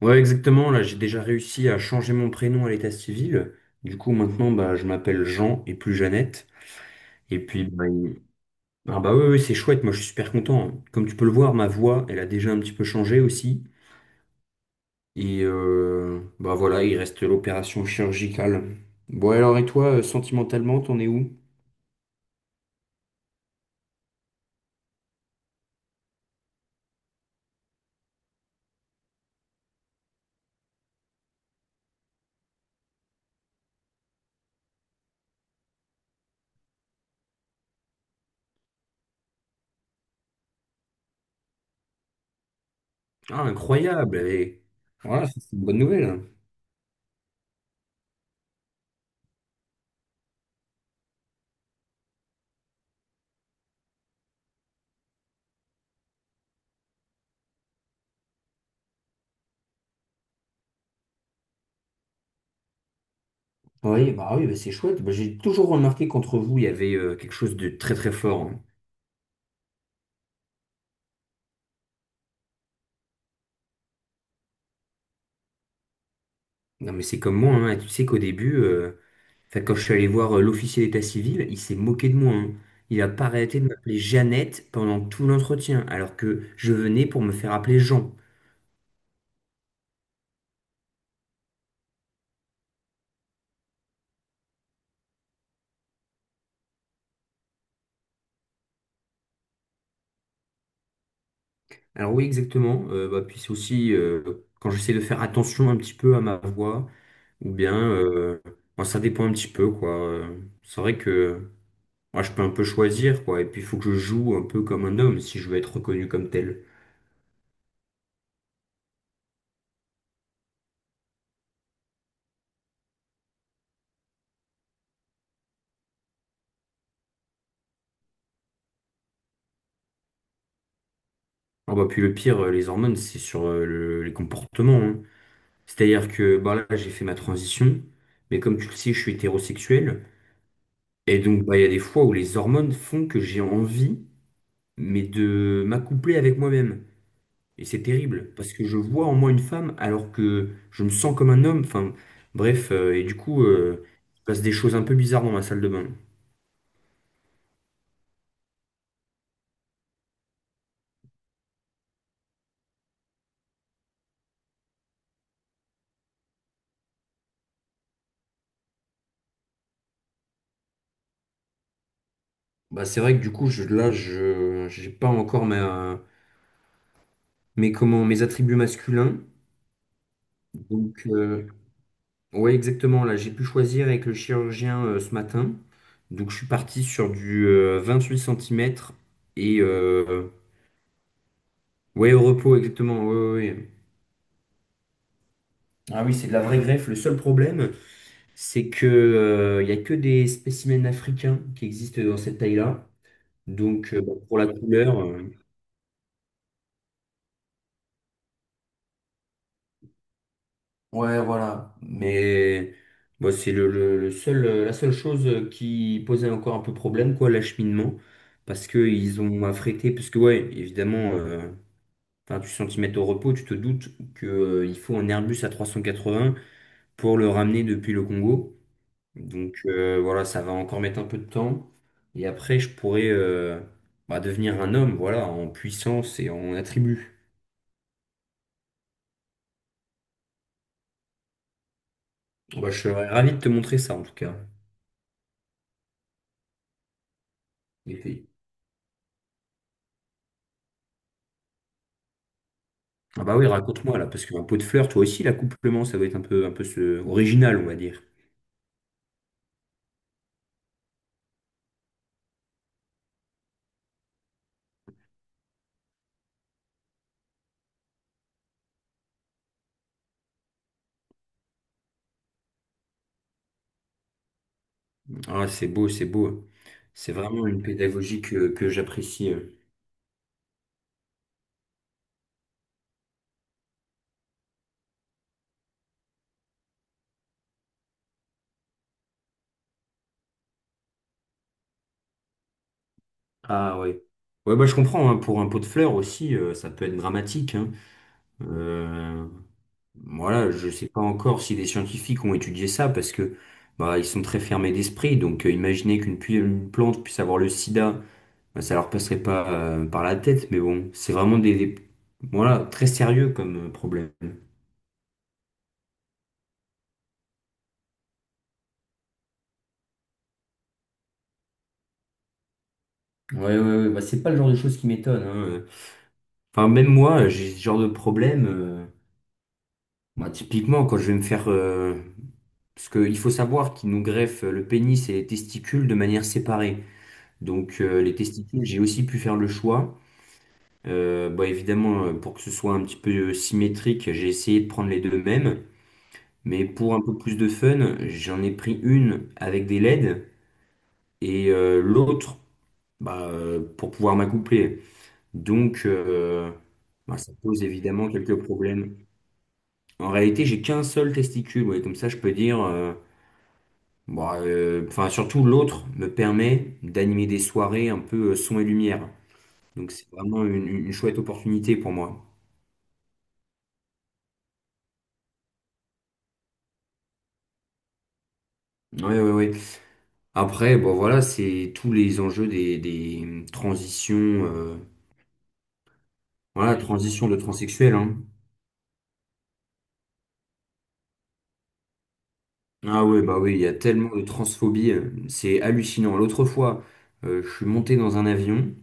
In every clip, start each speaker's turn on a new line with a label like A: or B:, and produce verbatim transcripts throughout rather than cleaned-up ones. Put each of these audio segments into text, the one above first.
A: Ouais, exactement. Là, j'ai déjà réussi à changer mon prénom à l'état civil. Du coup, maintenant, bah, je m'appelle Jean et plus Jeannette. Et puis, bah, il- ah bah oui, oui, c'est chouette. Moi, je suis super content. Comme tu peux le voir, ma voix, elle a déjà un petit peu changé aussi. Et euh, bah voilà, il reste l'opération chirurgicale. Bon, alors, et toi, euh, sentimentalement, t'en es où? Ah, incroyable. Et voilà, ça, c'est une bonne nouvelle. Oui, bah oui, bah, c'est chouette. Bah, j'ai toujours remarqué qu'entre vous, il y avait euh, quelque chose de très très fort, hein. Non, mais c'est comme moi, hein. Tu sais qu'au début. Enfin, quand je suis allé voir euh, l'officier d'état civil, il s'est moqué de moi, hein. Il a pas arrêté de m'appeler Jeannette pendant tout l'entretien, alors que je venais pour me faire appeler Jean. Alors oui, exactement. Euh, bah, puis c'est aussi euh, quand j'essaie de faire attention un petit peu à ma voix, ou bien euh, bon, ça dépend un petit peu, quoi. Euh, C'est vrai que moi, je peux un peu choisir, quoi. Et puis il faut que je joue un peu comme un homme si je veux être reconnu comme tel. Ah bah, puis le pire, euh, les hormones, c'est sur euh, le- les comportements, hein. C'est-à-dire que bah là, j'ai fait ma transition, mais comme tu le sais, je suis hétérosexuel. Et donc, bah, il y a des fois où les hormones font que j'ai envie, mais de m'accoupler avec moi-même. Et c'est terrible, parce que je vois en moi une femme alors que je me sens comme un homme. Enfin, bref, euh, et du coup, euh, il se passe des choses un peu bizarres dans ma salle de bain. Bah, c'est vrai que du coup, je, là, je, j'ai pas encore ma, mes, comment, mes attributs masculins. Donc, euh, oui, exactement. Là, j'ai pu choisir avec le chirurgien euh, ce matin. Donc, je suis parti sur du euh, huit centimètres et euh, ouais, au repos, exactement. Ouais, ouais, ouais. Ah oui, c'est de la vraie greffe. Le seul problème, c'est que euh, il y a que des spécimens africains qui existent dans cette taille-là. Donc, euh, bon, pour la couleur, euh, ouais, voilà. Mais bon, c'est le, le- le seul, euh, la seule chose euh, qui posait encore un peu problème, quoi, l'acheminement. Parce qu'ils ont affrété, parce que, ouais, évidemment. euh, Enfin, tu centimètres au repos, tu te doutes que, euh, il faut un Airbus A trois cent quatre-vingts pour le ramener depuis le Congo. Donc euh, voilà, ça va encore mettre un peu de temps. Et après, je pourrais euh, bah, devenir un homme, voilà, en puissance et en attributs. Bah, je serais ravi de te montrer ça en tout cas. Et puis- Ah bah oui, raconte-moi là, parce qu'un pot de fleurs, toi aussi, l'accouplement, ça doit être un peu, un peu ce- original, on va dire. Ah, c'est beau, c'est beau. C'est vraiment une pédagogie que, que j'apprécie, euh. Ah ouais. Ouais, bah, je comprends, hein, pour un pot de fleurs aussi, euh, ça peut être dramatique, hein. Euh, voilà, je sais pas encore si des scientifiques ont étudié ça parce que bah, ils sont très fermés d'esprit. Donc euh, imaginer qu'une pu- une plante puisse avoir le sida, bah, ça leur passerait pas euh, par la tête. Mais bon, c'est vraiment des, des- voilà, très sérieux comme euh, problème. Ouais, ouais, ouais, bah, c'est pas le genre de choses qui m'étonne, hein. Enfin, même moi, j'ai ce genre de problème, euh, bah, typiquement, quand je vais me faire, euh, parce qu'il faut savoir qu'ils nous greffent le pénis et les testicules de manière séparée. Donc euh, les testicules, j'ai aussi pu faire le choix. Euh, bah, évidemment, euh, pour que ce soit un petit peu euh, symétrique, j'ai essayé de prendre les deux mêmes. Mais pour un peu plus de fun, j'en ai pris une avec des L E D et euh, l'autre bah, euh, pour pouvoir m'accoupler. Donc euh, bah, ça pose évidemment quelques problèmes. En réalité, j'ai qu'un seul testicule, ouais, comme ça je peux dire, euh. Bon, euh, enfin, surtout l'autre me permet d'animer des soirées un peu euh, son et lumière. Donc c'est vraiment une, une chouette opportunité pour moi. Ouais, ouais, ouais. Après, bon voilà, c'est tous les enjeux des, des transitions, euh, voilà, transition de transsexuel, hein. Ah ouais, bah oui, il y a tellement de transphobie, euh, c'est hallucinant. L'autre fois, euh, je suis monté dans un avion,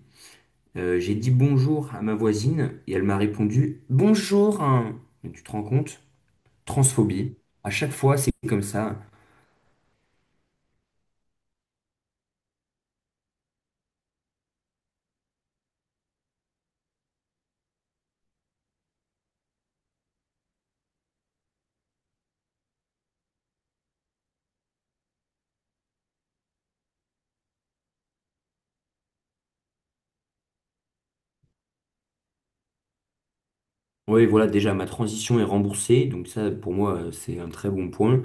A: euh, j'ai dit bonjour à ma voisine et elle m'a répondu bonjour, hein. Mais tu te rends compte? Transphobie. À chaque fois, c'est comme ça. Oui, voilà, déjà ma transition est remboursée, donc ça pour moi euh, c'est un très bon point.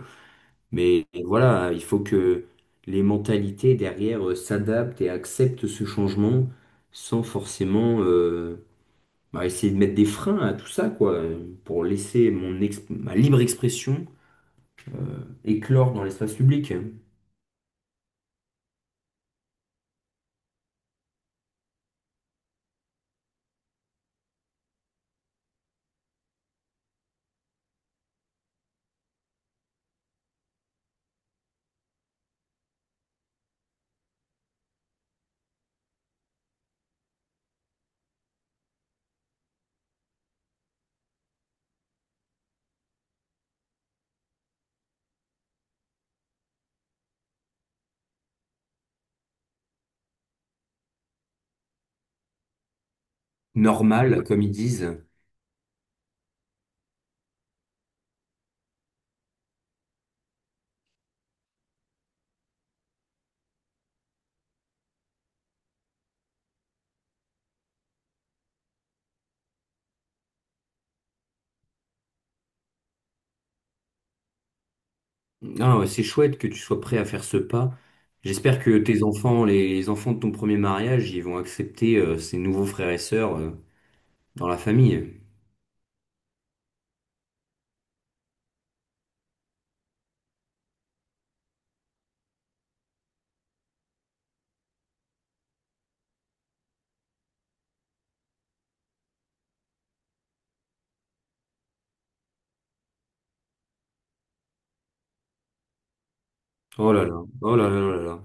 A: Mais voilà, il faut que les mentalités derrière euh, s'adaptent et acceptent ce changement sans forcément euh, bah, essayer de mettre des freins à tout ça, quoi, euh, pour laisser mon exp- ma libre expression éclore dans l'espace public, hein. Normal, comme ils disent. Ah, ouais, c'est chouette que tu sois prêt à faire ce pas. J'espère que tes enfants, les enfants de ton premier mariage, ils vont accepter euh, ces nouveaux frères et sœurs, euh, dans la famille. Oh là là, oh là là oh là là.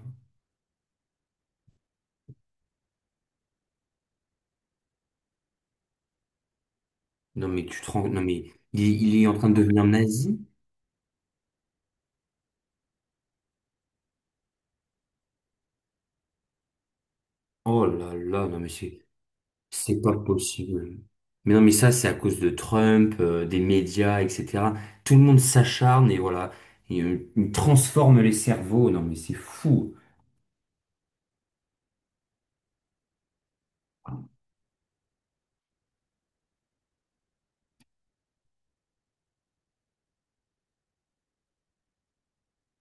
A: Non mais tu te rends, non mais il, il est en train de devenir nazi? Oh là là, non mais c'est c'est pas possible. Mais non mais ça c'est à cause de Trump, euh, des médias, et cetera. Tout le monde s'acharne et voilà, il, il transforme les cerveaux. Non mais c'est fou.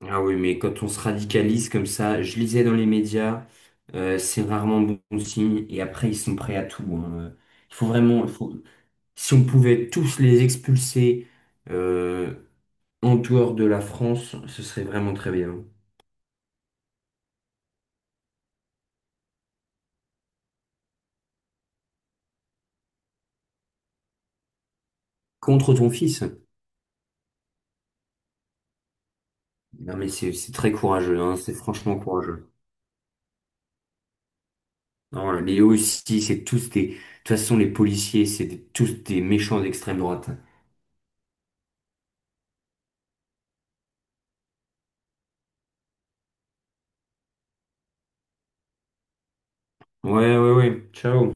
A: Ah oui, mais quand on se radicalise comme ça, je lisais dans les médias, euh, c'est rarement bon signe, et après ils sont prêts à tout, hein. Il faut vraiment, il faut- si on pouvait tous les expulser euh, en dehors de la France, ce serait vraiment très bien. Contre ton fils? Non mais c'est c'est très courageux, hein, c'est franchement courageux. Non, les aussi, c'est tous des... De toute façon, les policiers, c'est des- tous des méchants d'extrême droite. Ouais, ouais, ouais. Ciao.